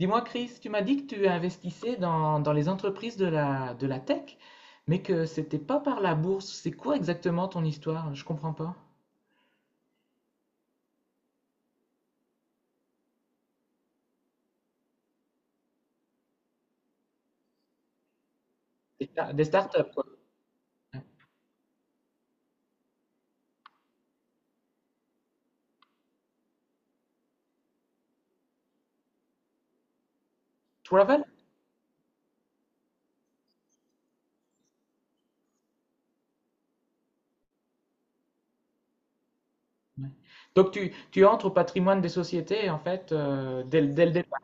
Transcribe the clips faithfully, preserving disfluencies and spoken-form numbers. Dis-moi, Chris, tu m'as dit que tu investissais dans, dans les entreprises de la, de la tech, mais que c'était pas par la bourse. C'est quoi exactement ton histoire? Je comprends pas. Des, sta- des startups, quoi. Travel? Ouais. Donc tu, tu entres au patrimoine des sociétés, en fait, euh, dès, le dès le départ.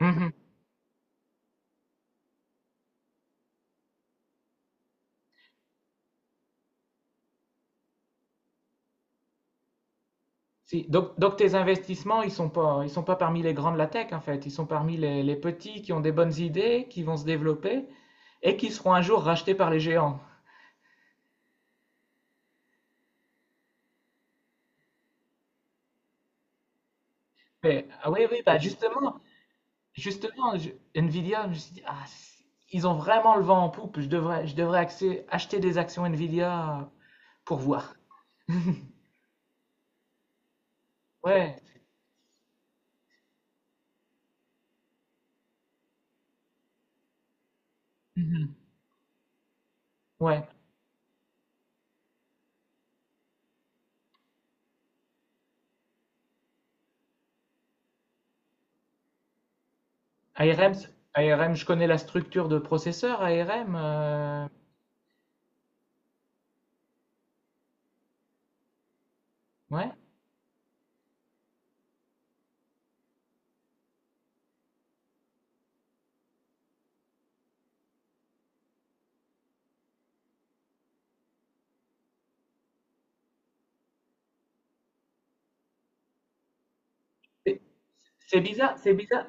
Mhm. Si. Donc, donc tes investissements, ils sont pas, ils sont pas parmi les grands de la tech, en fait. Ils sont parmi les, les petits qui ont des bonnes idées, qui vont se développer et qui seront un jour rachetés par les géants. Mais- ah oui, oui, bah justement, Justement, je- Nvidia, je me suis dit, ah, c- ils ont vraiment le vent en poupe. Je devrais, je devrais axer- acheter des actions Nvidia euh, pour voir. Ouais. Mhm. Ouais. A R M, c- A R M, je connais la structure de processeur A R M. Euh, ouais. C'est c'est bizarre, c'est bizarre.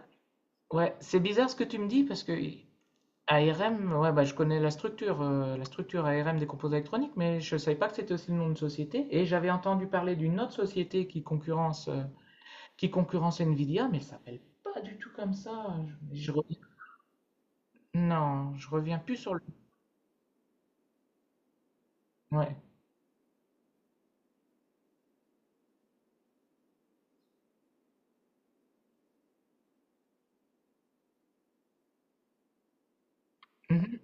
Ouais, c'est bizarre ce que tu me dis parce que A R M, ouais, bah, je connais la structure, euh, la structure A R M des composants électroniques, mais je ne savais pas que c'était aussi le nom de société. Et j'avais entendu parler d'une autre société qui concurrence. euh, qui concurrence Nvidia, mais elle s'appelle pas du tout comme ça. Je, je reviens- non, je reviens plus sur le. Ouais. Mhm.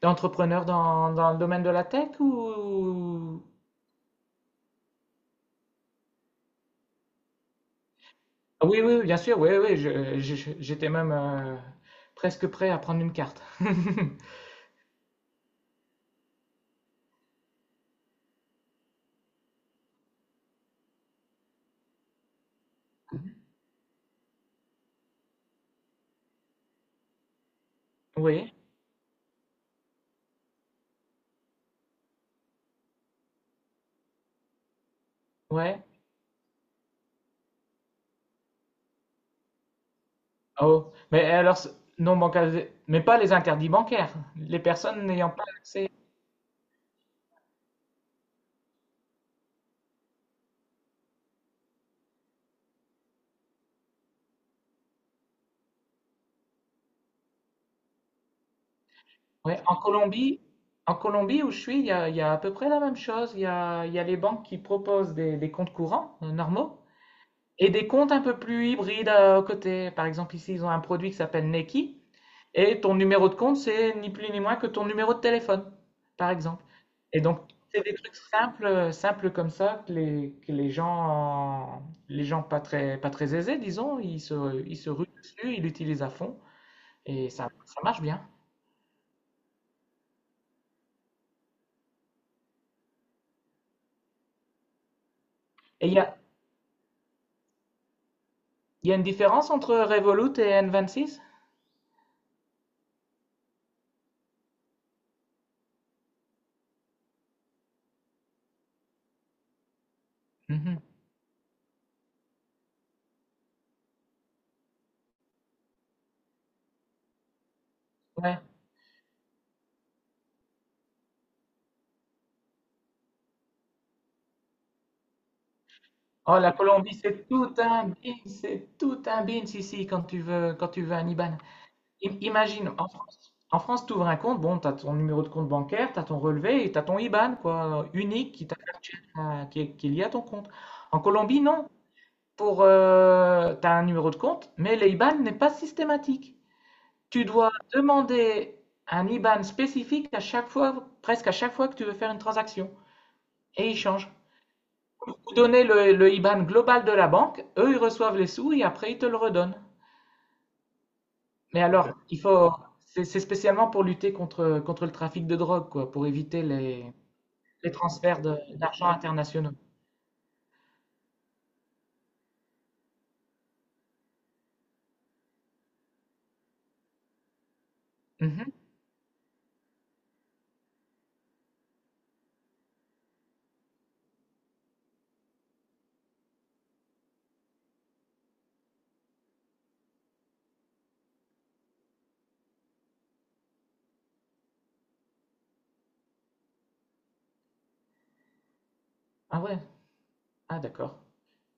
T'es entrepreneur dans, dans le domaine de la tech ou Ah oui, oui, bien sûr, oui, oui, je- je- je- j'étais même euh, presque prêt à prendre une carte. Oui, ouais. Oh, mais alors, ce- non bancaire, mais pas les interdits bancaires, les personnes n'ayant pas accès. Ouais, en Colombie, en Colombie où je suis, il y a, il y a à peu près la même chose. Il y a, il y a les banques qui proposent des, des comptes courants euh, normaux et des comptes un peu plus hybrides euh, à côté. Par exemple, ici, ils ont un produit qui s'appelle Nequi et ton numéro de compte, c'est ni plus ni moins que ton numéro de téléphone, par exemple. Et donc, c'est des trucs simples, euh, simples comme ça que les, que les gens, les gens pas très, pas très aisés, disons, ils se, ils se ruent dessus, ils l'utilisent à fond et ça, ça marche bien. Et il y a, Il y a une différence entre Revolut et N vingt-six? Mhm. Ouais. Oh, la Colombie, c'est tout un bin, c'est tout un bin ici quand tu veux, quand tu veux un IBAN. Im- imagine, en France, en France, tu ouvres un compte, bon, tu as ton numéro de compte bancaire, tu as ton relevé et tu as ton IBAN, quoi, unique qui t'appartient, à- qui est, qui est lié à ton compte. En Colombie, non. Pour, euh, tu as un numéro de compte, mais l'IBAN n'est pas systématique. Tu dois demander un IBAN spécifique à chaque fois, presque à chaque fois que tu veux faire une transaction. Et il change. Vous donnez le, le IBAN global de la banque, eux ils reçoivent les sous et après ils te le redonnent. Mais alors, il faut, c'est spécialement pour lutter contre, contre le trafic de drogue, quoi, pour éviter les, les transferts d'argent internationaux. Mhm. Ah ouais, ah d'accord.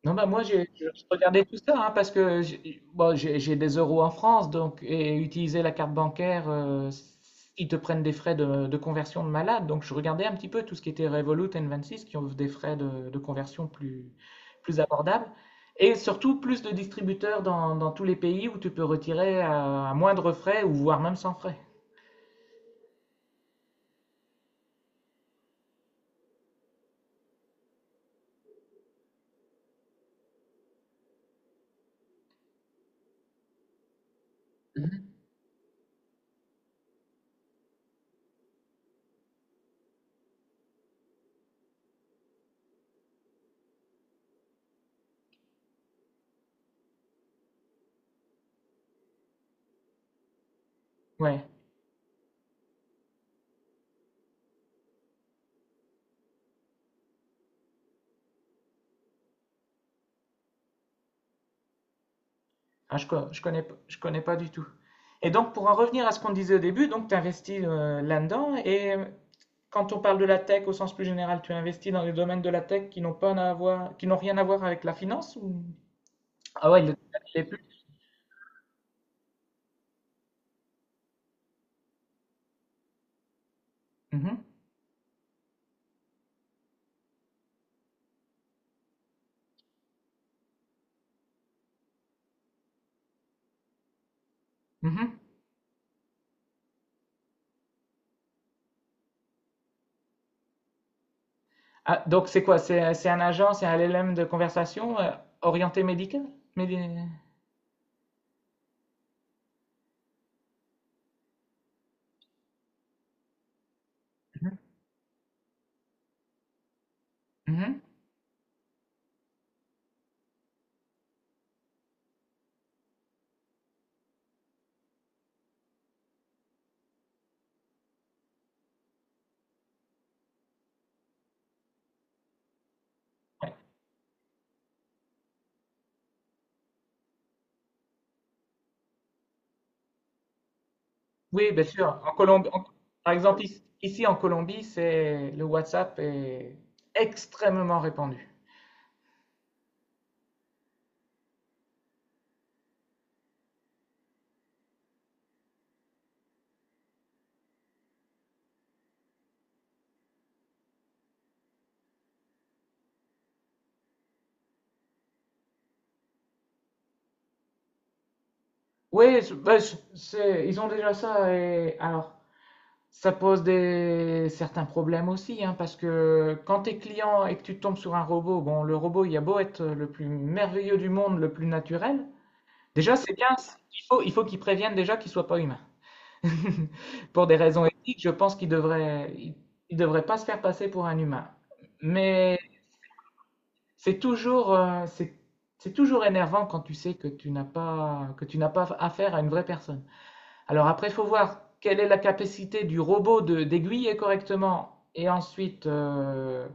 Non, bah moi, j'ai je- regardais tout ça hein, parce que j'ai bon, j'ai- j'ai des euros en France donc, et utiliser la carte bancaire, euh, ils te prennent des frais de, de conversion de malade. Donc, je regardais un petit peu tout ce qui était Revolut, N vingt-six qui ont des frais de, de conversion plus, plus abordables et surtout plus de distributeurs dans, dans tous les pays où tu peux retirer à, à moindre frais ou voire même sans frais. Mhm. Ouais. Ah, je, co- je connais, p- je connais pas du tout. Et donc, pour en revenir à ce qu'on disait au début, donc tu investis euh, là-dedans. Et euh, quand on parle de la tech au sens plus général, tu investis dans les domaines de la tech qui n'ont pas à voir, qui n'ont rien à voir avec la finance ou Ah ouais, le il est plus. Mhm, mhm. Ah, donc c'est quoi? C'est, c'est un agent, c'est un L L M de conversation euh, orienté médical? Médi- Mhm, mhm. Ouais. Oui, bien sûr. En Colombie, en- par exemple, ici, ici en Colombie, c'est le WhatsApp est extrêmement répandu. Oui, je- bah, je- c'est- ils ont déjà ça. Et, alors, ça pose des, certains problèmes aussi, hein, parce que quand tu es client et que tu tombes sur un robot, bon, le robot, il a beau être le plus merveilleux du monde, le plus naturel, déjà, c'est bien, c'est- il faut, il faut qu'il prévienne déjà qu'il soit pas humain. Pour des raisons éthiques, je pense qu'il devrait, il, il devrait pas se faire passer pour un humain. Mais c'est toujours, euh, c'est c'est toujours énervant quand tu sais que tu n'as pas, que tu n'as pas affaire à une vraie personne. Alors après, il faut voir quelle est la capacité du robot de d'aiguiller correctement et ensuite euh,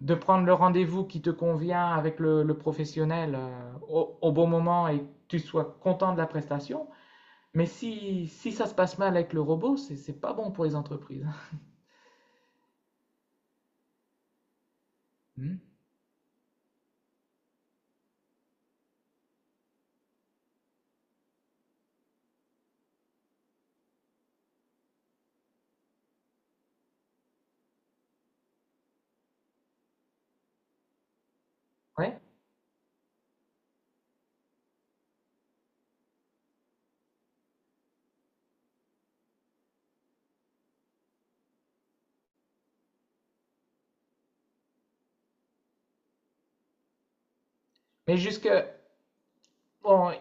de prendre le rendez-vous qui te convient avec le, le professionnel euh, au, au bon moment et que tu sois content de la prestation. Mais si, si ça se passe mal avec le robot, c'est c'est pas bon pour les entreprises. Hmm. Ouais. Mais jusque bon,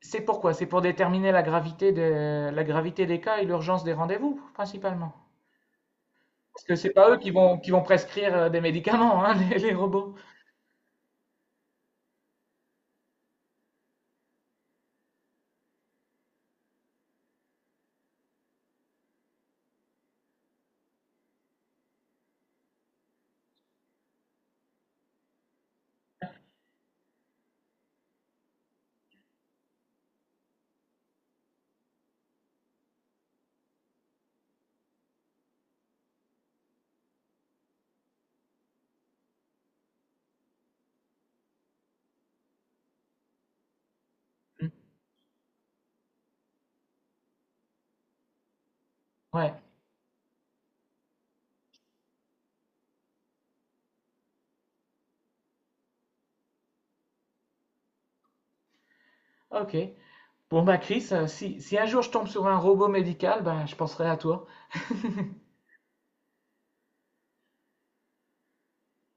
c'est pourquoi? C'est pour déterminer la gravité de la gravité des cas et l'urgence des rendez-vous principalement. Parce que c'est pas eux qui vont qui vont prescrire euh, des médicaments, hein, les, les robots. Hmm. Ouais, ok. Bon bah Chris, euh, si, si un jour je tombe sur un robot médical, ben je penserai à toi.